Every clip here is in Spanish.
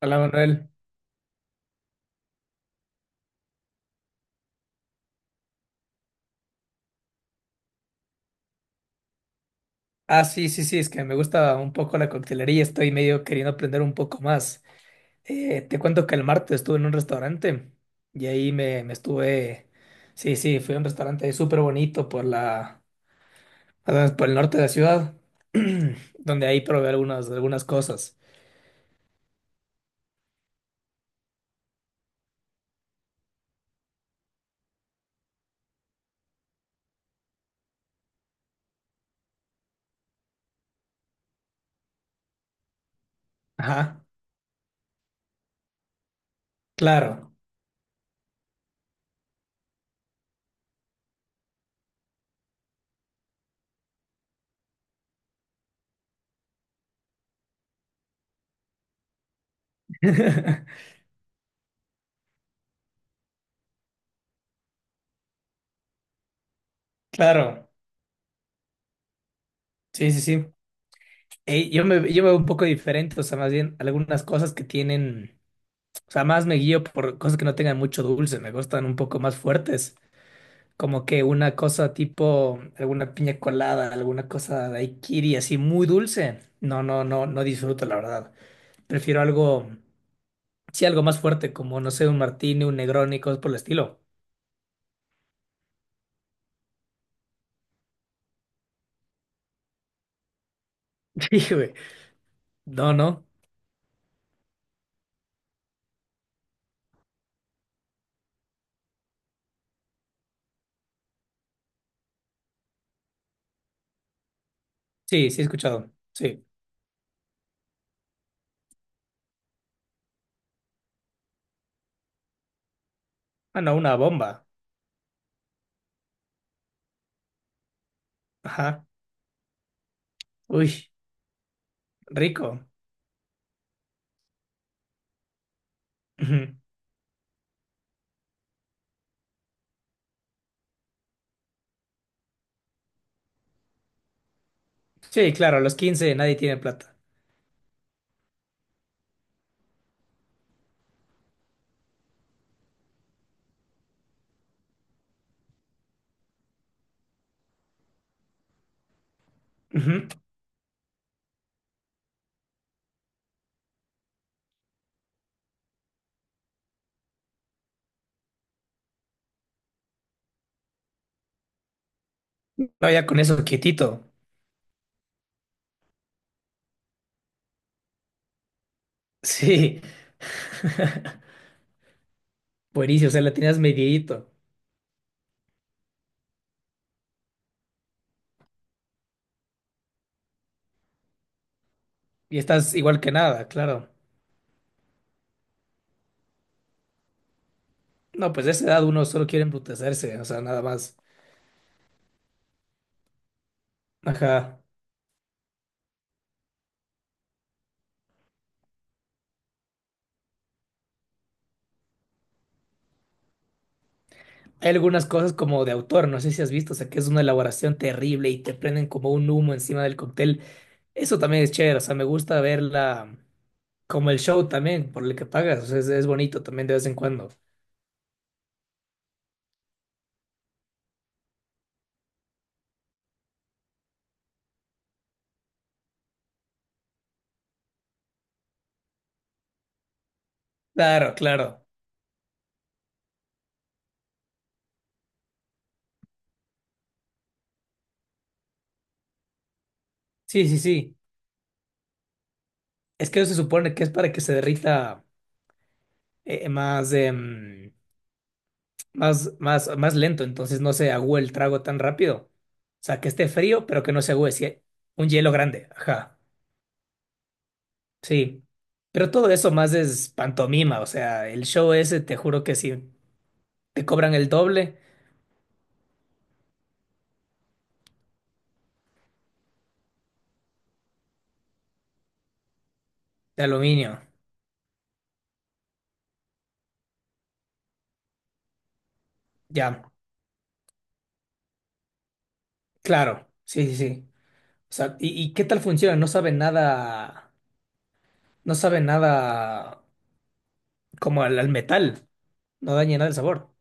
Hola Manuel. Ah, sí, sí, sí, es que me gusta un poco la coctelería, estoy medio queriendo aprender un poco más. Te cuento que el martes estuve en un restaurante y ahí me, me estuve, sí, sí, fui a un restaurante súper bonito por por el norte de la ciudad, donde ahí probé algunas cosas. Ajá, claro, claro, sí, sí, sí. Ey, yo me veo un poco diferente, o sea, más bien algunas cosas que tienen... O sea, más me guío por cosas que no tengan mucho dulce, me gustan un poco más fuertes, como que una cosa tipo alguna piña colada, alguna cosa de daiquiri así muy dulce. No disfruto, la verdad. Prefiero algo, sí, algo más fuerte, como no sé, un martini, un Negroni, cosas por el estilo. Sí, güey. No, no. Sí, sí he escuchado. Sí. Ah, no, una bomba. Ajá. Uy, rico. Ujú. Sí, claro, a los 15 nadie tiene plata. Ujú. No, ya con eso quietito. Sí. Buenísimo, o sea, la tenías medidito. Y estás igual que nada, claro. No, pues de esa edad uno solo quiere embrutecerse, o sea, nada más. Ajá. Hay algunas cosas como de autor, no sé si has visto, o sea, que es una elaboración terrible y te prenden como un humo encima del cóctel. Eso también es chévere, o sea, me gusta verla como el show también, por el que pagas, o sea, es bonito también de vez en cuando. Claro, claro. Sí, sí, sí. Es que eso se supone que es para que se derrita más. Más lento, entonces no se agüe el trago tan rápido. O sea, que esté frío, pero que no se agüe. Sí, un hielo grande, ajá, sí. Pero todo eso más es pantomima, o sea, el show ese, te juro que sí, te cobran el doble de aluminio. Ya, claro, sí, sí, sí. O sea, y qué tal funciona? No sabe nada, no sabe nada como al metal, no daña nada el sabor.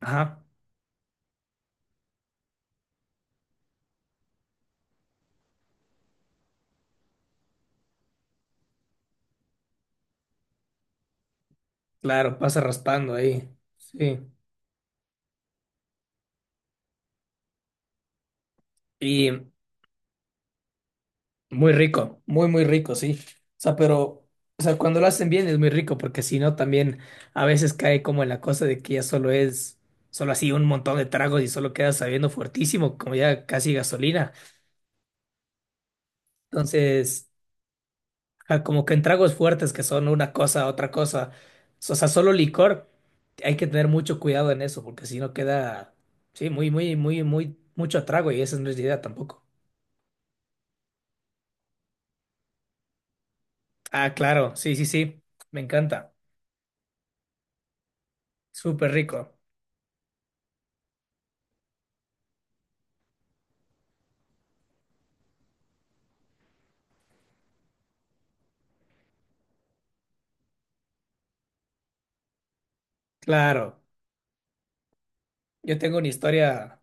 Ajá, claro, pasa raspando ahí, sí. Y muy rico, muy, muy rico, sí. O sea, pero, o sea, cuando lo hacen bien es muy rico, porque si no, también a veces cae como en la cosa de que ya solo solo así un montón de tragos y solo queda sabiendo fuertísimo, como ya casi gasolina. Entonces, ajá, como que en tragos fuertes que son una cosa, otra cosa, o sea, solo licor, hay que tener mucho cuidado en eso, porque si no queda, sí, muy mucho trago y esa no es la idea tampoco. Ah, claro, sí, sí, sí, me encanta, súper rico, claro. Yo tengo una historia,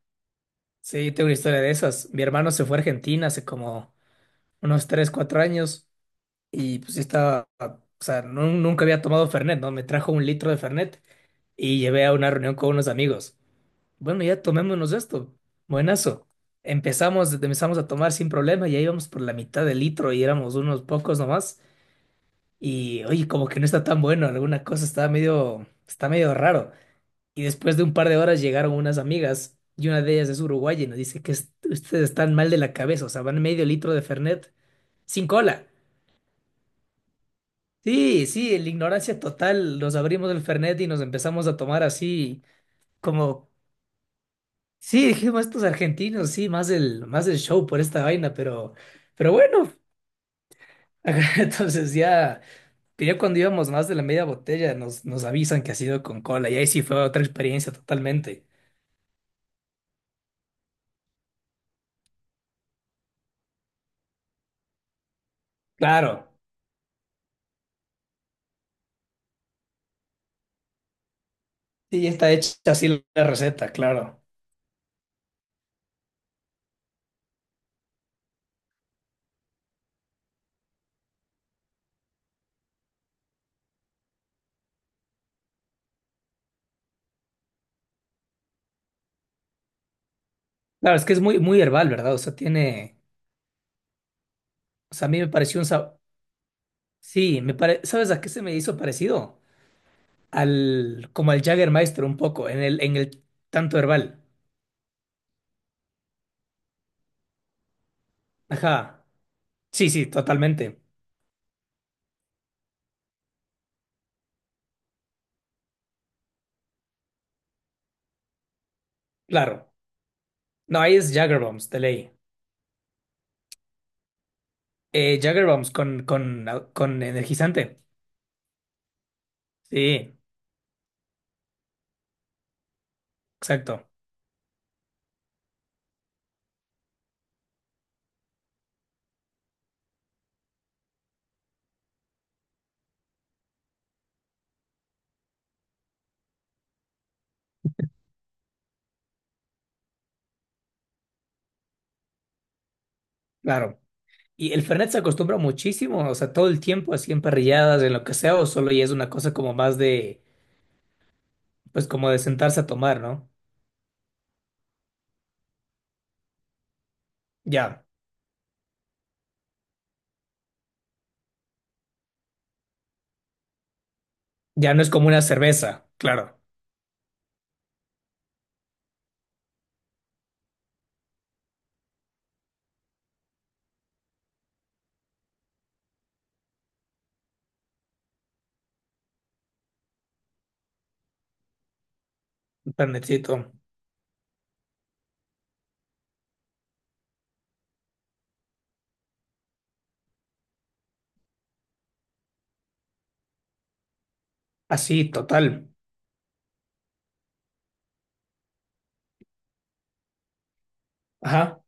sí, tengo una historia de esas. Mi hermano se fue a Argentina hace como unos 3 4 años y pues yo estaba, o sea, nunca había tomado Fernet, ¿no? Me trajo un litro de Fernet y llevé a una reunión con unos amigos. Bueno, ya tomémonos esto. Buenazo. Empezamos a tomar sin problema, ya íbamos por la mitad del litro y éramos unos pocos nomás. Y oye, como que no está tan bueno, alguna cosa está medio raro. Y después de un par de horas llegaron unas amigas y una de ellas es uruguaya y nos dice que ustedes están mal de la cabeza, o sea, van medio litro de Fernet sin cola. Sí, sí, en la ignorancia total, nos abrimos el Fernet y nos empezamos a tomar así como, sí, dijimos estos argentinos, sí, más el show por esta vaina, pero bueno, entonces ya, que ya cuando íbamos más de la media botella nos avisan que ha sido con cola y ahí sí fue otra experiencia totalmente. Claro, sí, ya está hecha así la receta, claro. Claro, es que es muy, muy herbal, ¿verdad? O sea, tiene. O sea, a mí me pareció un sabor. Sí, me pare... ¿Sabes a qué se me hizo parecido? Al. Como al Jägermeister un poco, en el tanto herbal. Ajá. Sí, sí, totalmente. Claro. No, ahí es Jägerbombs, de ley. Jägerbombs con energizante. Sí, exacto. Claro. Y el Fernet se acostumbra muchísimo, o sea, todo el tiempo, así en parrilladas, en lo que sea, o solo ya es una cosa como más de. Pues como de sentarse a tomar, ¿no? Ya. Ya no es como una cerveza, claro. Un planetito. Así, total. Ajá,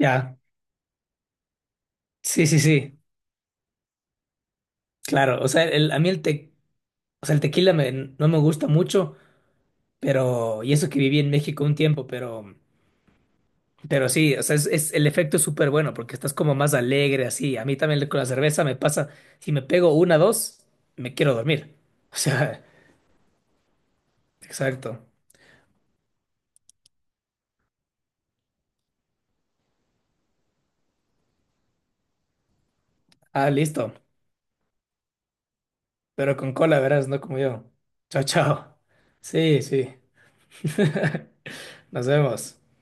ya. Sí, sí, sí, claro. O sea, a mí o sea, el tequila no me gusta mucho, pero, y eso que viví en México un tiempo, pero sí, o sea, es- el efecto es súper bueno porque estás como más alegre, así. A mí también con la cerveza me pasa, si me pego una, dos, me quiero dormir. O sea, exacto. Ah, listo. Pero con cola, verás, no como yo. Chao, chao. Sí, sí. Nos vemos.